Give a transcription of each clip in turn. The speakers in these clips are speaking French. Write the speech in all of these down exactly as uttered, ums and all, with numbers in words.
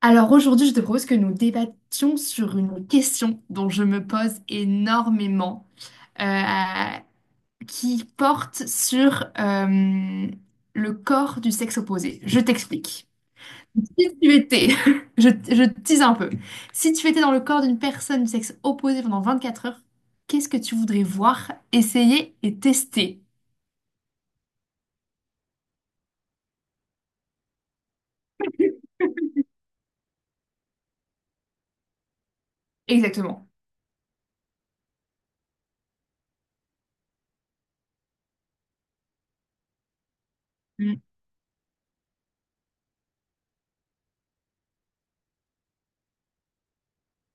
Alors aujourd'hui, je te propose que nous débattions sur une question dont je me pose énormément, euh, qui porte sur euh, le corps du sexe opposé. Je t'explique. Si tu étais, je, je tease un peu, si tu étais dans le corps d'une personne du sexe opposé pendant vingt-quatre heures, qu'est-ce que tu voudrais voir, essayer et tester? Exactement. Mm.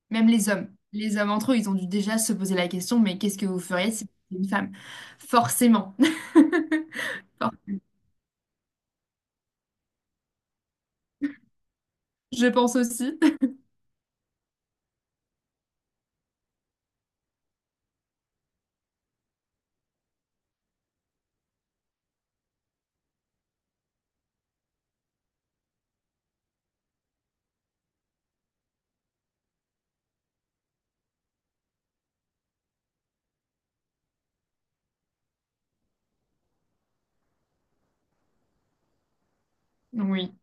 Même les hommes. Les hommes entre eux, ils ont dû déjà se poser la question, mais qu'est-ce que vous feriez si vous étiez une femme? Forcément. For- Je pense aussi. Oui.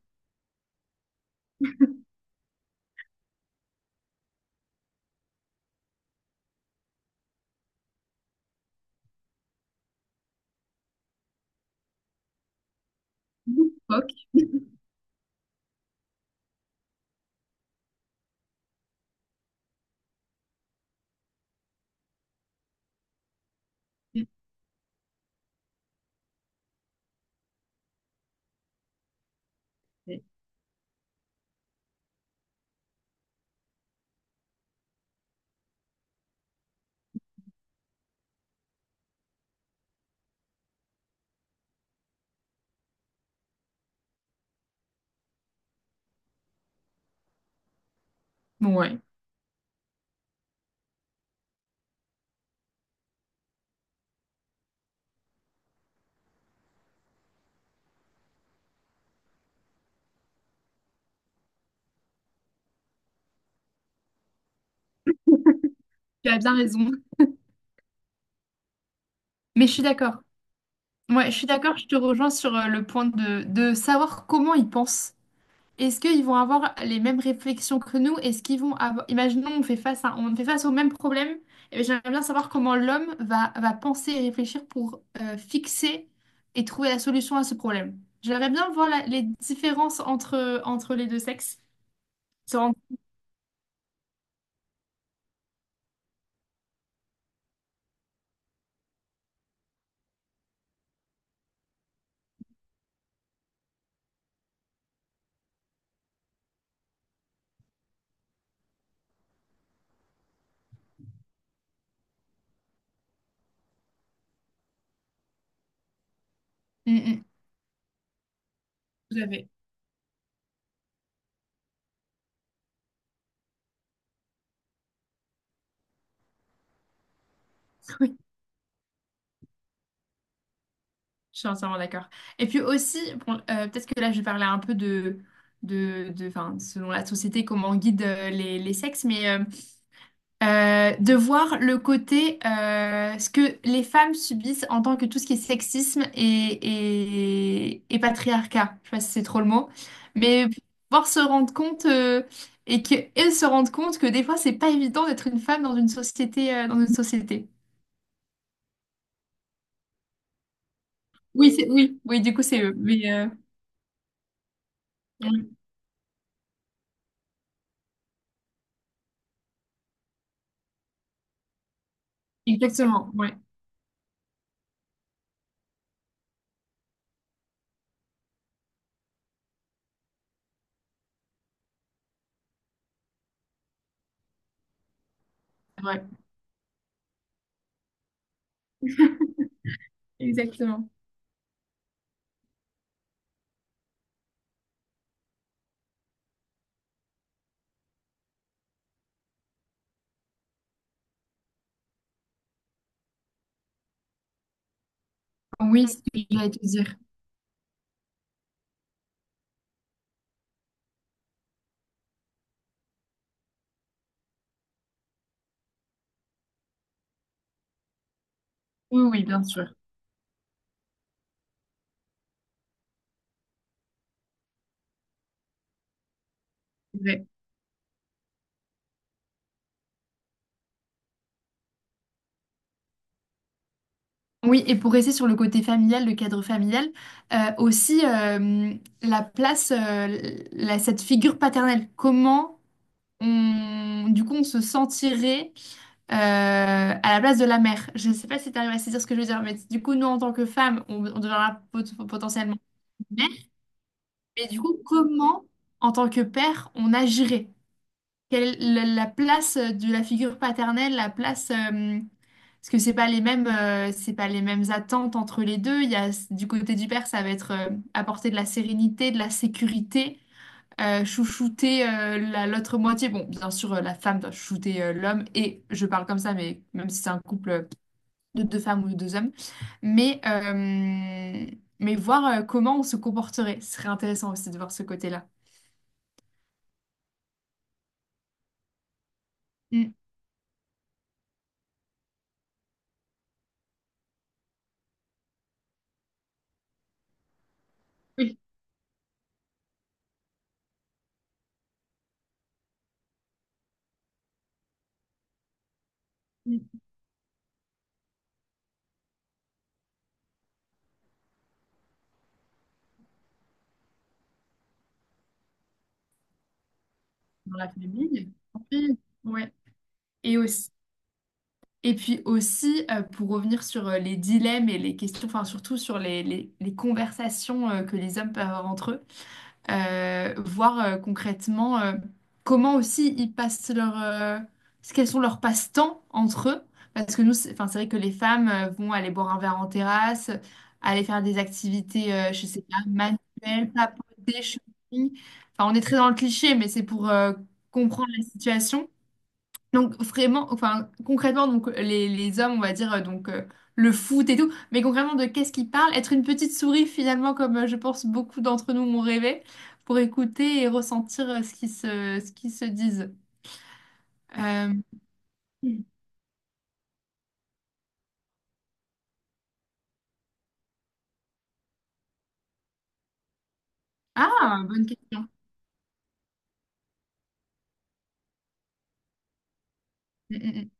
Fuck. Bon, ouais. Tu as bien raison. Mais je suis d'accord. Ouais, je suis d'accord, je te rejoins sur euh, le point de, de savoir comment ils pensent. Est-ce qu'ils vont avoir les mêmes réflexions que nous? Est-ce qu'ils vont avoir… Imaginons, on fait face à… on fait face au même problème. Eh j'aimerais bien savoir comment l'homme va, va penser et réfléchir pour euh, fixer et trouver la solution à ce problème. J'aimerais bien voir la- les différences entre, entre les deux sexes. Se rendre- Mm, mm, tout à fait. Oui, je suis entièrement d'accord. Et puis aussi, bon, euh, peut-être que là, je vais parler un peu de, de, de, enfin, selon la société, comment on guide euh, les, les sexes, mais… euh, Euh, de voir le côté euh, ce que les femmes subissent en tant que tout ce qui est sexisme et, et, et patriarcat. Je sais pas si c'est trop le mot, mais pouvoir se rendre compte euh, et qu'elles se rendent compte que des fois c'est pas évident d'être une femme dans une société euh, dans une société. Oui, c'est oui, oui, du coup c'est eux. Mais euh, oui, exactement, ouais, c'est vrai. Exactement. Oui, c'est ce que j'allais te dire. Oui, oui, bien sûr. Oui, et pour rester sur le côté familial, le cadre familial, euh, aussi euh, la place, euh, l- la- cette figure paternelle, comment on, du coup on se sentirait euh, à la place de la mère. Je ne sais pas si tu arrives à saisir ce que je veux dire, mais du coup nous en tant que femme, on, on deviendra pot- potentiellement mère, mais du coup comment en tant que père on agirait? Quelle est la la place euh, de la figure paternelle, la place, euh, parce que c'est pas les mêmes, euh, c'est pas les mêmes attentes entre les deux. Il y a du côté du père, ça va être euh, apporter de la sérénité, de la sécurité, euh, chouchouter euh, la- l'autre moitié. Bon, bien sûr, euh, la femme doit chouchouter euh, l'homme et je parle comme ça, mais même si c'est un couple de deux femmes ou de deux hommes, mais euh, mais voir euh, comment on se comporterait, ce serait intéressant aussi de voir ce côté-là. Mm. Oui. Dans la famille. Oui. Ouais. Et aussi, et puis aussi, euh, pour revenir sur euh, les dilemmes et les questions, enfin surtout sur les, les- les conversations euh, que les hommes peuvent avoir entre eux, euh, voir euh, concrètement euh, comment aussi ils passent leur, euh, ce- quels sont leurs passe-temps entre eux. Parce que nous, c'est, enfin, c'est vrai que les femmes euh, vont aller boire un verre en terrasse, aller faire des activités, euh, je sais pas, manuelles, papoter, shopping. Enfin, on est très dans le cliché, mais c'est pour euh, comprendre la situation. Donc vraiment, enfin concrètement, donc les, les hommes, on va dire euh, donc euh, le foot et tout, mais concrètement de qu'est-ce qu'ils parlent? Être une petite souris finalement, comme euh, je pense beaucoup d'entre nous m'ont rêvé, pour écouter et ressentir euh, ce qui se, ce qu'ils se disent. Euh, Ah, bonne question. Mm,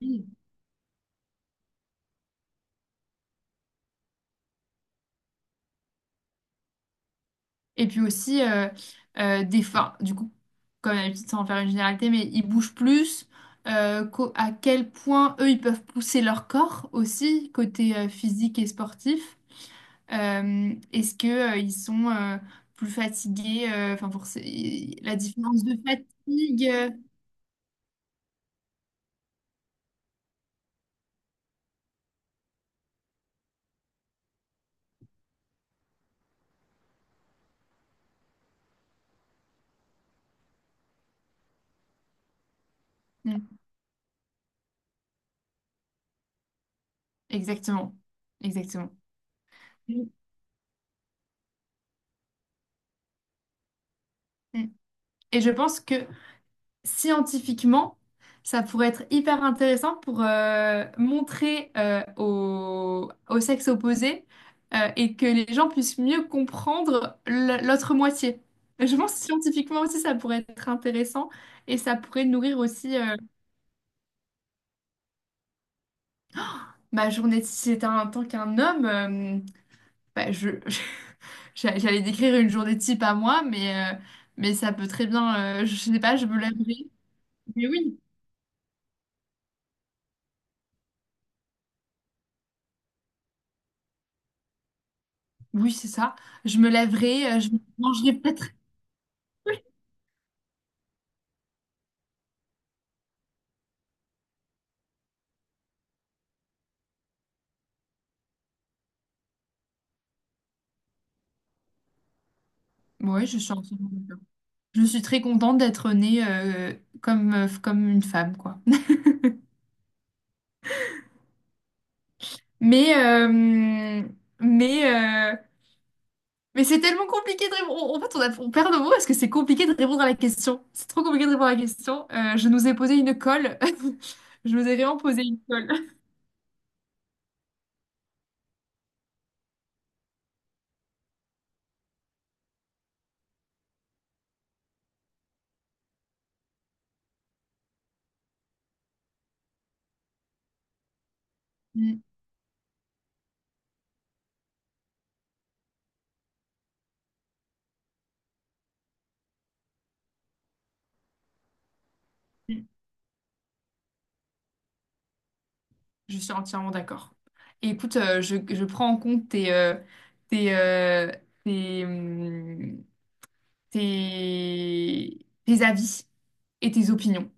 mm, mm. Et puis aussi euh, euh, des fins, du coup, comme d'habitude, sans en faire une généralité, mais ils bougent plus. Euh, qu'au- à quel point eux ils peuvent pousser leur corps aussi, côté euh, physique et sportif. Euh, est-ce que, euh, ils sont euh, plus fatigués, euh, enfin pour ce- la différence de fatigue. Euh, mm, exactement, exactement. Mm, mm. Et je pense que scientifiquement, ça pourrait être hyper intéressant pour euh, montrer euh, au, au sexe opposé euh, et que les gens puissent mieux comprendre l- l'autre moitié. Je pense que scientifiquement aussi, ça pourrait être intéressant et ça pourrait nourrir aussi euh, Ma journée, si c'était en tant qu'un homme, euh, bah, je, j'a- j'allais décrire une journée type à moi, mais, euh, mais ça peut très bien, euh, je sais pas, je me lèverai. Mais oui, oui, c'est ça. Je me lèverai, euh, je mangerai peut-être. Oui, ouais, je suis entièrement d'accord. Je suis très contente d'être née euh, comme, euh, comme une femme, quoi. Mais, euh, mais, euh, mais c'est tellement compliqué de répondre. En en fait, on, a- on perd nos mots parce que c'est compliqué de répondre à la question. C'est trop compliqué de répondre à la question. Euh, je nous ai posé une colle. Je vous ai vraiment posé une colle. Mm, mm. Je suis entièrement d'accord. Et écoute, euh, je, je prends en compte tes, euh, tes, euh, tes, hum, tes, tes avis et tes opinions.